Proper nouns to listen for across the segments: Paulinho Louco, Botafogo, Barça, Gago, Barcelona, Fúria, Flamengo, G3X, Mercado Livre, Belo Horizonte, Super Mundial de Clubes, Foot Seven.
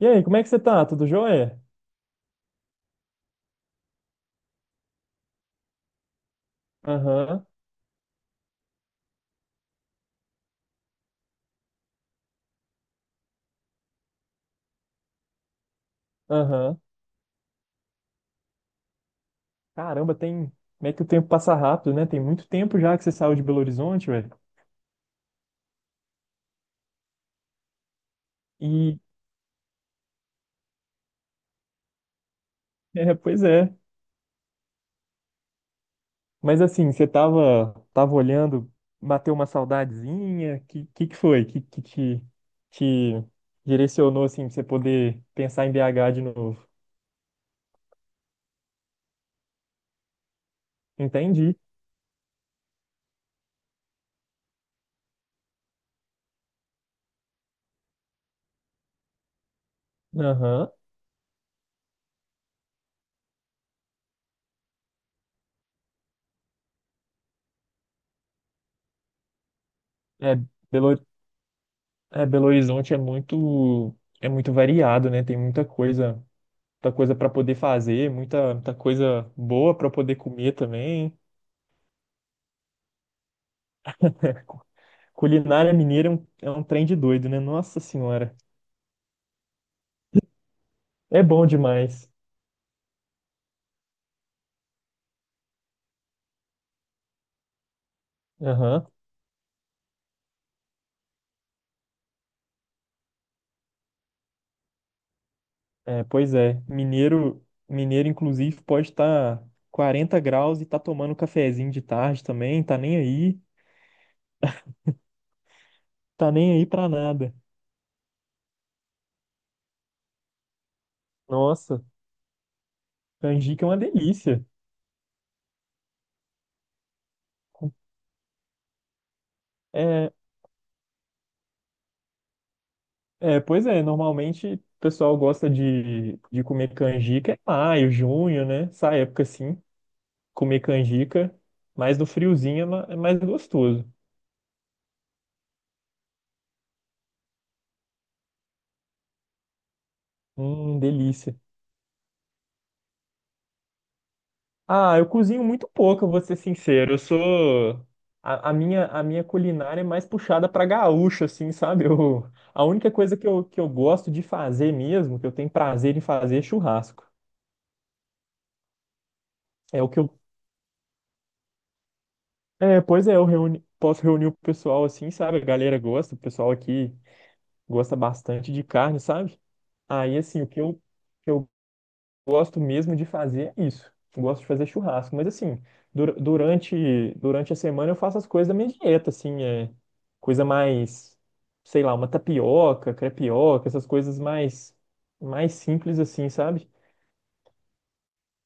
E aí, como é que você tá? Tudo jóia? Aham, aham. Caramba, tem. Como é que o tempo passa rápido, né? Tem muito tempo já que você saiu de Belo Horizonte, velho. E. É, pois é. Mas assim, você tava, olhando, bateu uma saudadezinha. Que foi? Que te, te direcionou, assim, pra você poder pensar em BH de novo? Entendi. Aham. É, Belo, Belo Horizonte é muito variado, né? Tem muita coisa para poder fazer, muita coisa boa para poder comer também. Cu- Culinária mineira é é um trem de doido, né? Nossa Senhora. É bom demais. Aham. É, pois é. Mineiro, inclusive, pode estar 40 graus e tá tomando um cafezinho de tarde também, tá nem aí pra nada. Nossa, canjica é uma delícia. É, é, pois é, normalmente o pessoal gosta de comer canjica em maio, junho, né? Essa época assim. Comer canjica, mas no friozinho é é mais gostoso. Delícia. Ah, eu cozinho muito pouco, eu vou ser sincero. Eu sou. A minha culinária é mais puxada pra gaúcha, assim, sabe? Eu, a única coisa que eu gosto de fazer mesmo, que eu tenho prazer em fazer, é churrasco. É o que eu. É, pois é, eu reuni, posso reunir o pessoal assim, sabe? A galera gosta, o pessoal aqui gosta bastante de carne, sabe? Aí, assim, o que eu gosto mesmo de fazer é isso. Eu gosto de fazer churrasco, mas assim, durante a semana eu faço as coisas da minha dieta, assim, é coisa mais, sei lá, uma tapioca, crepioca, essas coisas mais simples assim, sabe?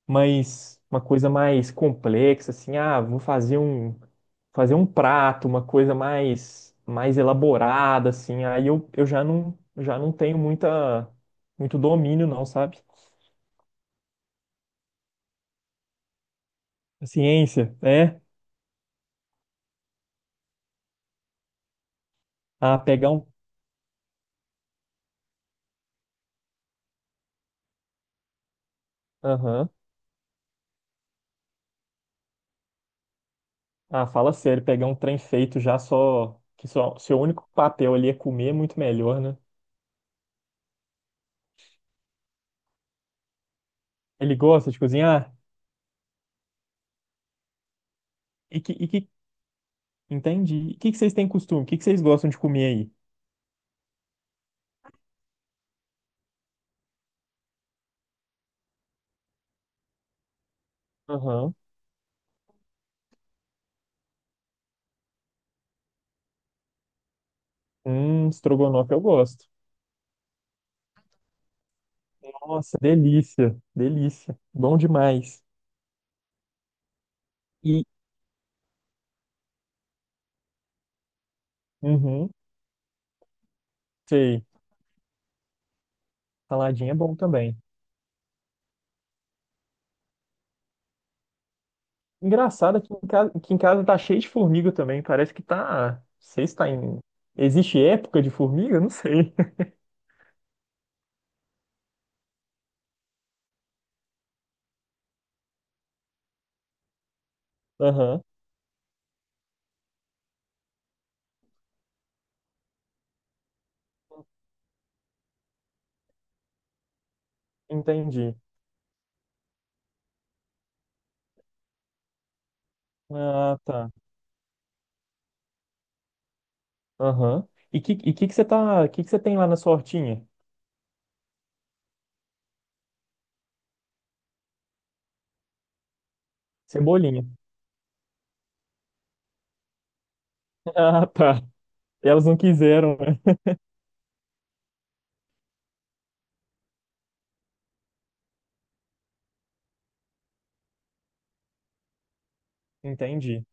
Mas uma coisa mais complexa assim, ah, vou fazer um prato, uma coisa mais elaborada assim. Eu já não tenho muita muito domínio não, sabe? A ciência, né? Ah, pegar um Aham. Ah, fala sério, pegar um trem feito já só. Que só seu único papel ali é comer é muito melhor, né? Ele gosta de cozinhar? E que, e que... Entendi. E o que que vocês têm costume? O que que vocês gostam de comer aí? Aham. Estrogonofe eu gosto. Nossa, delícia, delícia. Bom demais. E, uhum, sei, saladinha é bom também. Engraçado que em casa tá cheio de formiga também. Parece que tá. Não sei se tá em. Existe época de formiga? Não sei. Aham, entendi. Ah, tá. Aham. E que você tem lá na sua hortinha? Cebolinha. Ah, tá. Elas não quiseram, né? Entendi.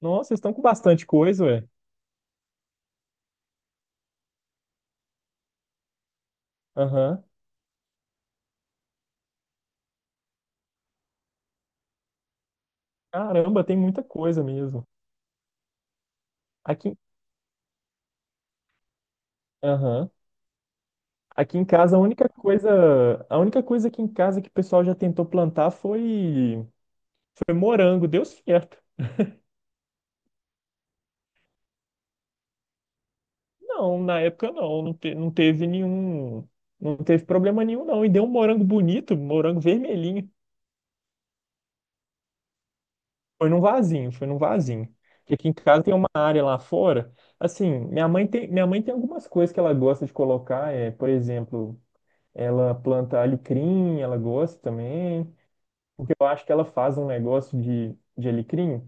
Nossa, vocês estão com bastante coisa, ué. Aham. Caramba, tem muita coisa mesmo. Aqui, aham. Aqui em casa, a única coisa aqui em casa que o pessoal já tentou plantar foi morango. Deu certo. Não, na época não, não, te- não teve nenhum, não teve problema nenhum, não. E deu um morango bonito, morango vermelhinho. Foi num vasinho. E aqui em casa tem uma área lá fora. Assim, minha mãe tem algumas coisas que ela gosta de colocar. É, por exemplo, ela planta alecrim, ela gosta também. Porque eu acho que ela faz um negócio de alecrim.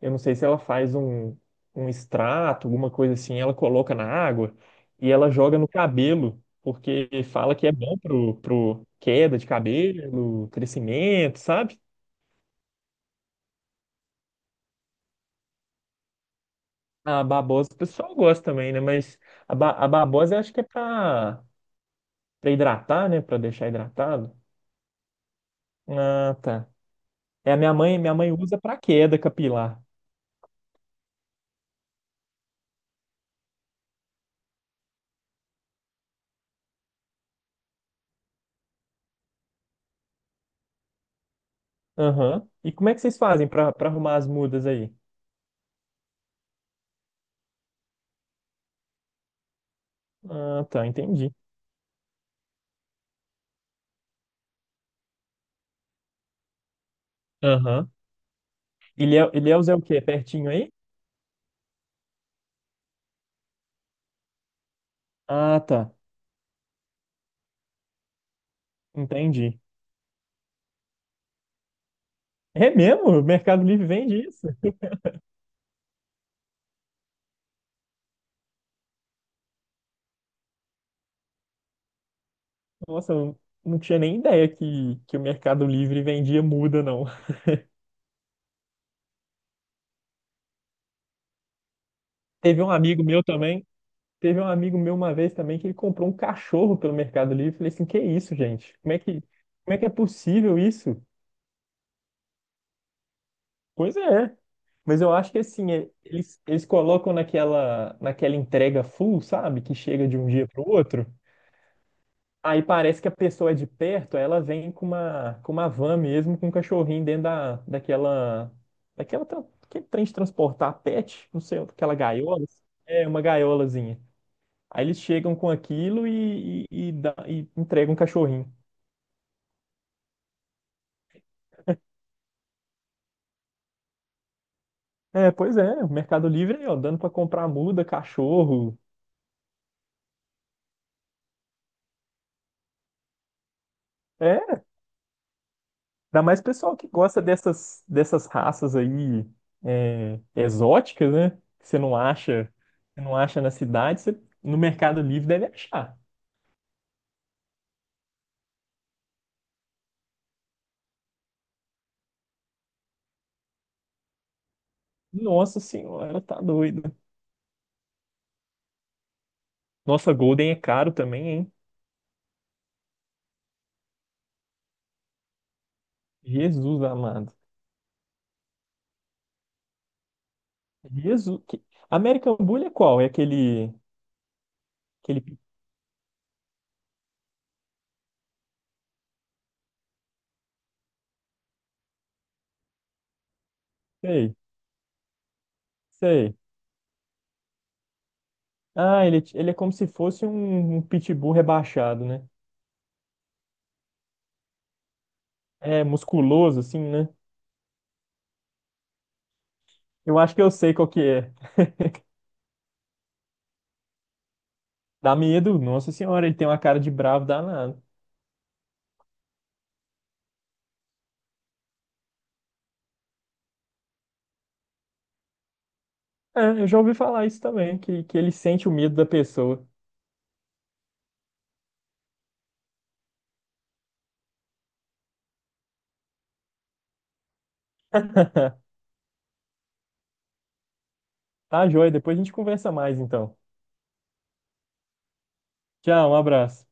Eu não sei se ela faz um extrato, alguma coisa assim. Ela coloca na água e ela joga no cabelo, porque fala que é bom pro queda de cabelo, crescimento, sabe? A babosa o pessoal gosta também, né? Mas a babosa eu acho que é pra hidratar, né? Pra deixar hidratado. Ah, tá. É, minha mãe usa pra queda capilar. Aham. E como é que vocês fazem pra arrumar as mudas aí? Ah, tá, entendi. Aham. Ilhéus é o quê? Pertinho aí? Ah, tá. Entendi. É mesmo? O Mercado Livre vende isso? Nossa, eu não tinha nem ideia que o Mercado Livre vendia muda, não. Teve um amigo meu também. Teve um amigo meu uma vez também que ele comprou um cachorro pelo Mercado Livre. Eu falei assim, que isso, gente? Como é que é possível isso? Pois é. Mas eu acho que assim, eles colocam naquela entrega full, sabe? Que chega de um dia para o outro. Aí parece que a pessoa é de perto, aí ela vem com com uma van mesmo, com um cachorrinho dentro daquela, aquele trem de transportar pet, não sei, aquela gaiola. É, uma gaiolazinha. Aí eles chegam com aquilo e entregam um cachorrinho. É, pois é, o Mercado Livre aí, ó, dando pra comprar muda, cachorro. É, ainda mais pessoal que gosta dessas raças aí é, exóticas, né? Que você não acha na cidade, você no Mercado Livre deve achar. Nossa senhora, tá doido. Nossa, Golden é caro também, hein? Jesus amado. Jesus. American Bull é qual? É aquele, aquele... Sei, sei. Ah, ele é como se fosse um pitbull rebaixado, né? É musculoso, assim, né? Eu acho que eu sei qual que é. Dá medo, nossa senhora, ele tem uma cara de bravo danado. É, eu já ouvi falar isso também, que ele sente o medo da pessoa. Tá, joia, depois a gente conversa mais, então. Tchau, um abraço.